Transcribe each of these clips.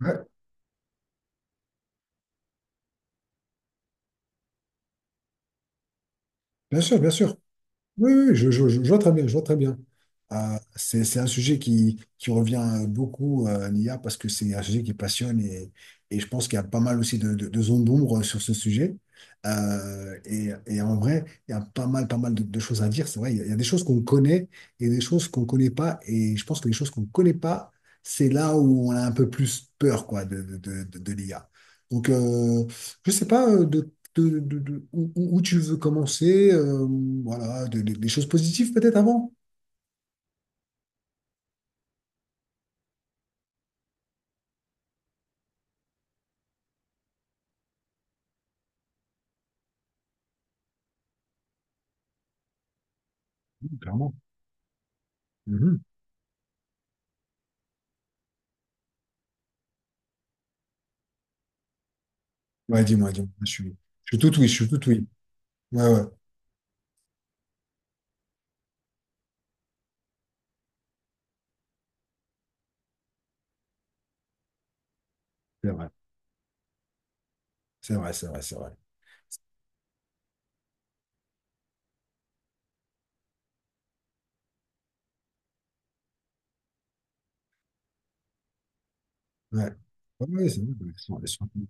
Ouais, bien sûr, bien sûr. Oui, oui, je vois très bien, je vois très bien. Euh, c'est un sujet qui revient beaucoup à l'IA parce que c'est un sujet qui passionne et je pense qu'il y a pas mal aussi de zones d'ombre sur ce sujet. Et en vrai, il y a pas mal de choses à dire. C'est vrai, il y a des choses qu'on connaît et des choses qu'on connaît pas. Et je pense que les choses qu'on connaît pas, c'est là où on a un peu plus peur quoi, de l'IA. Donc, je sais pas où tu veux commencer, voilà, des choses positives peut-être avant. Mhm, clairement. Mhm. Ouais, dis-moi, dis-moi, je suis tout oui, je suis tout oui. Ouais, ouais, c'est vrai. C'est vrai, c'est vrai, c'est vrai. Ouais, ouais, ouais, c'est vrai. Ouais, Ils sont- ils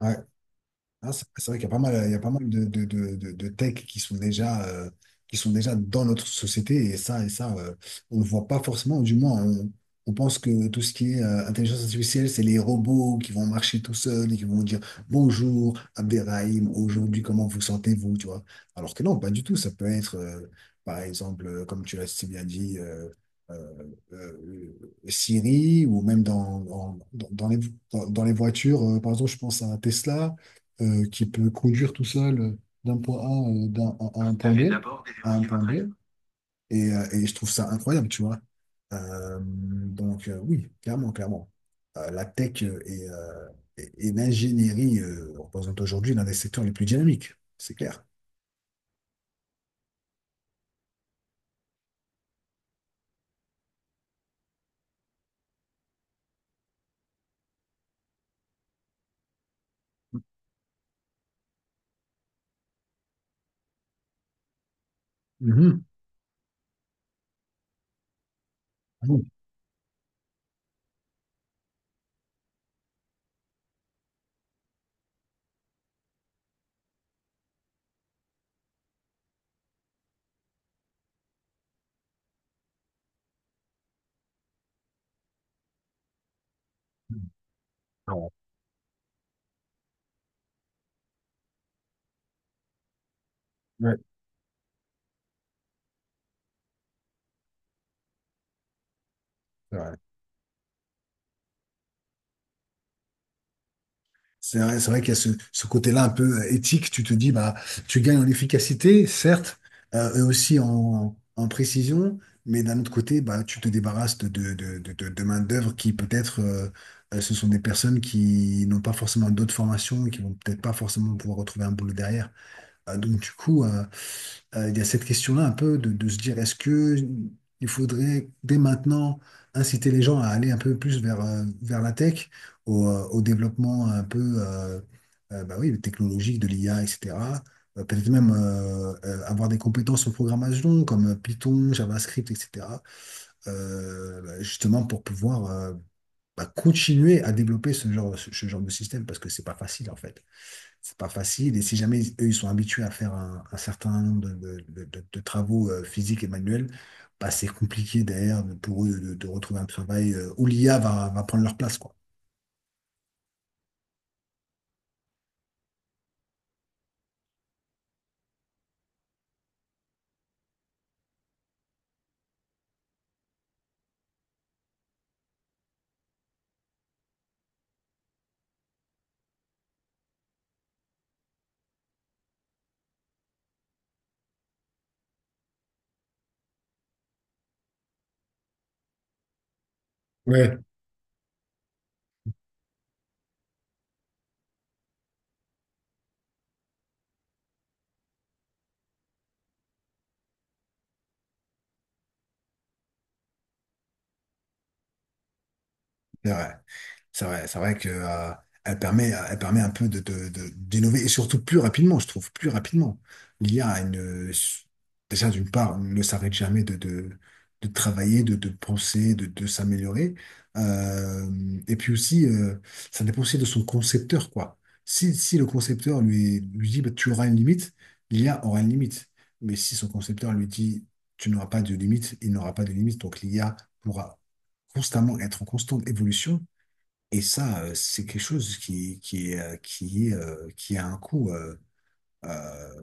Ouais. Hein, c'est vrai qu'il y a pas mal, il y a pas mal de tech qui sont déjà dans notre société et ça on ne voit pas forcément, du moins, on pense que tout ce qui est intelligence artificielle, c'est les robots qui vont marcher tout seuls et qui vont dire bonjour Abderrahim, aujourd'hui, comment vous sentez-vous, tu vois? Alors que non, pas du tout. Ça peut être, par exemple, comme tu l'as si bien dit, euh, euh, Siri ou même dans les voitures, par exemple, je pense à Tesla qui peut conduire tout seul d'un point A, d'un, à un point B, à un point B. Et je trouve ça incroyable, tu vois. Donc, oui, clairement, clairement. La tech et l'ingénierie représentent aujourd'hui l'un des secteurs les plus dynamiques, c'est clair. Mhm. Oui. Ouais. Ouais. C'est vrai qu'il y a ce côté-là un peu éthique. Tu te dis, bah, tu gagnes en efficacité, certes, eux aussi en précision, mais d'un autre côté, bah, tu te débarrasses de main-d'œuvre qui peut-être, ce sont des personnes qui n'ont pas forcément d'autres formations et qui vont peut-être pas forcément pouvoir retrouver un boulot derrière. Du coup, il y a cette question-là un peu de se dire est-ce que il faudrait dès maintenant inciter les gens à aller un peu plus vers la tech, au développement un peu bah oui, technologique de l'IA, etc. Peut-être même avoir des compétences en programmation comme Python, JavaScript, etc. Bah, justement pour pouvoir bah, continuer à développer ce genre de système parce que c'est pas facile en fait, c'est pas facile. Et si jamais eux, ils sont habitués à faire un certain nombre de travaux physiques et manuels, bah, c'est compliqué derrière pour eux de retrouver un travail où l'IA va prendre leur place, quoi. Ouais. C'est vrai. C'est vrai, c'est vrai que, elle permet un peu d'innover et surtout plus rapidement, je trouve, plus rapidement. L'IA a une, déjà d'une part, ne s'arrête jamais de travailler, de penser, de s'améliorer. Euh, et puis aussi, ça dépend aussi de son concepteur, quoi. Si le concepteur lui dit, bah, tu auras une limite, l'IA aura une limite. Mais si son concepteur lui dit, tu n'auras pas de limite, il n'aura pas de limite. Donc l'IA pourra constamment être en constante évolution. Et ça, c'est quelque chose qui est, qui a un coût, euh,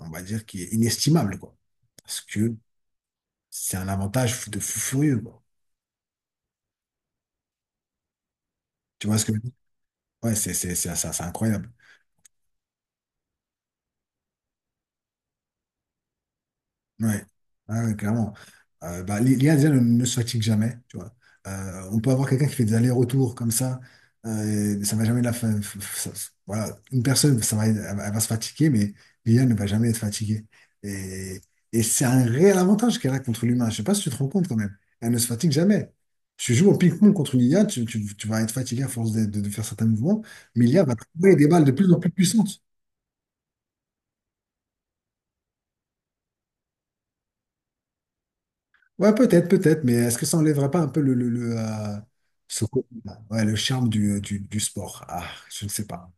on va dire, qui est inestimable, quoi. Parce que c'est un avantage de fou furieux, quoi. Tu vois ce que je veux dire? Ouais, c'est incroyable. Ouais, ah ouais, clairement. Bah, l'IA déjà ne se fatigue jamais, tu vois. On peut avoir quelqu'un qui fait des allers-retours comme ça, ça va jamais la fa- f- f- ça- voilà, une personne, ça va, elle va se fatiguer, mais l'IA ne va jamais être fatiguée. Et, et c'est un réel avantage qu'elle a contre l'humain. Je sais pas si tu te rends compte quand même. Elle ne se fatigue jamais. Tu joues au ping-pong contre l'IA, tu vas être fatigué à force de faire certains mouvements, mais l'IA va trouver des balles de plus en plus puissantes. Ouais, peut-être, peut-être, mais est-ce que ça enlèverait pas un peu ce côté- ouais, le charme du sport? Ah, je ne sais pas.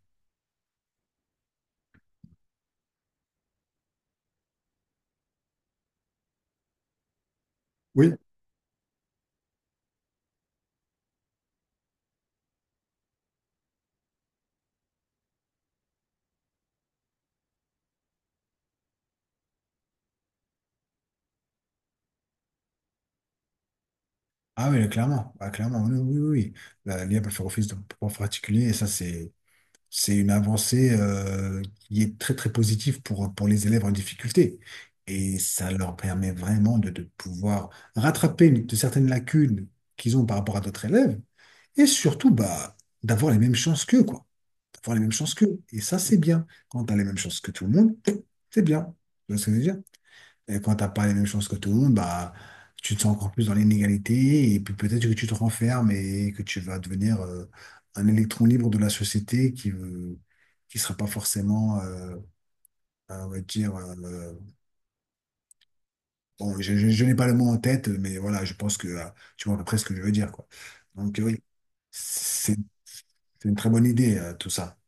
Oui. Ah oui, clairement. Ah, clairement, oui, oui, oui. L'IA peut faire office de prof particulier et ça, c'est une avancée qui est très, très positive pour les élèves en difficulté. Et ça leur permet vraiment de pouvoir rattraper de certaines lacunes qu'ils ont par rapport à d'autres élèves et surtout, bah, d'avoir les mêmes chances qu'eux, quoi. Avoir les mêmes chances qu'eux. Et ça, c'est bien. Quand tu as les mêmes chances que tout le monde, c'est bien. Tu vois ce que je veux dire? Et quand tu n'as pas les mêmes chances que tout le monde, bah, tu te sens encore plus dans l'inégalité et puis peut-être que tu te renfermes et que tu vas devenir un électron libre de la société qui sera pas forcément, on va dire, bon, je n'ai pas le mot en tête, mais voilà, je pense que tu vois à peu près ce que je veux dire, quoi. Donc, oui, c'est c'est une très bonne idée, tout ça.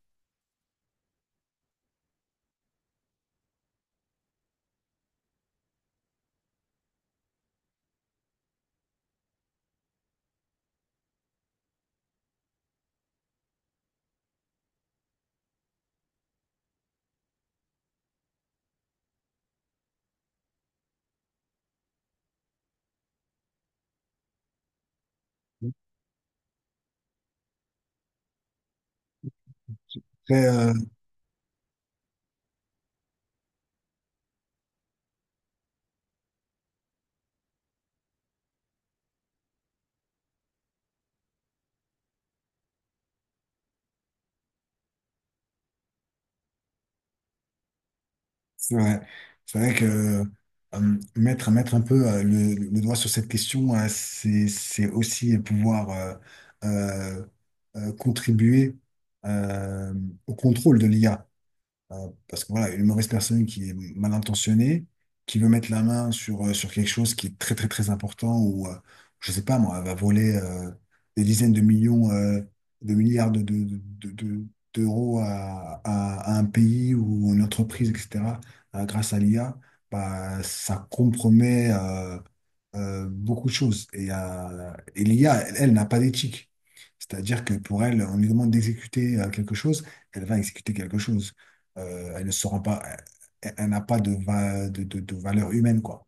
C'est vrai. C'est vrai que mettre un peu le doigt sur cette question, c'est aussi pouvoir euh, contribuer euh, au contrôle de l'IA. Parce que voilà, une mauvaise personne qui est mal intentionnée, qui veut mettre la main sur, sur quelque chose qui est très très très important, ou je sais pas moi, elle va voler des dizaines de millions, de milliards de- de- d'euros à un pays ou une entreprise, etc., grâce à l'IA, bah, ça compromet beaucoup de choses. Et l'IA, elle, elle n'a pas d'éthique. C'est-à-dire que pour elle, on lui demande d'exécuter quelque chose, elle va exécuter quelque chose elle ne se rend pas, elle, elle n'a pas de, de valeur humaine, quoi.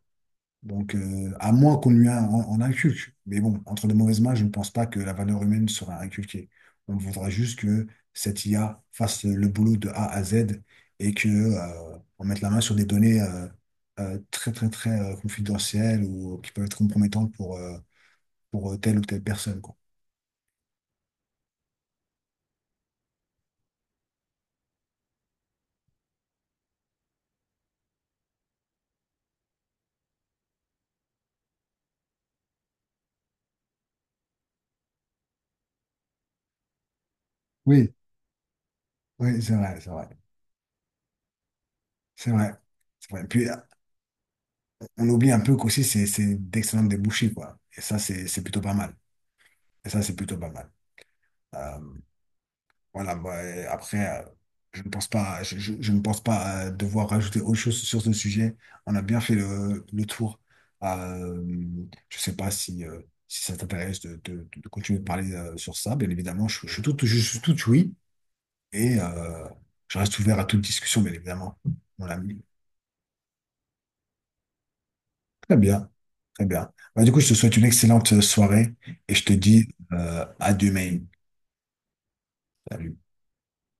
Donc, à moins qu'on on inculque. Mais bon, entre de mauvaises mains, je ne pense pas que la valeur humaine sera inculquée. On voudra juste que cette IA fasse le boulot de A à Z et que, on mette la main sur des données très, très, très confidentielles ou qui peuvent être compromettantes pour telle ou telle personne, quoi. Oui, oui, c'est vrai, c'est vrai. C'est vrai. C'est vrai. Puis on oublie un peu qu'aussi c'est d'excellents débouchés, quoi. Et ça, c'est plutôt pas mal. Et ça, c'est plutôt pas mal. Euh, voilà, moi, et après, je ne pense pas, je ne pense pas devoir rajouter autre chose sur ce sujet. On a bien fait le tour. Euh, je ne sais pas si, si ça t'intéresse de continuer de parler sur ça. Bien évidemment, je suis tout oui. Et je reste ouvert à toute discussion, bien évidemment, mon ami. Très bien. Très bien. Bah, du coup, je te souhaite une excellente soirée et je te dis à demain. Salut.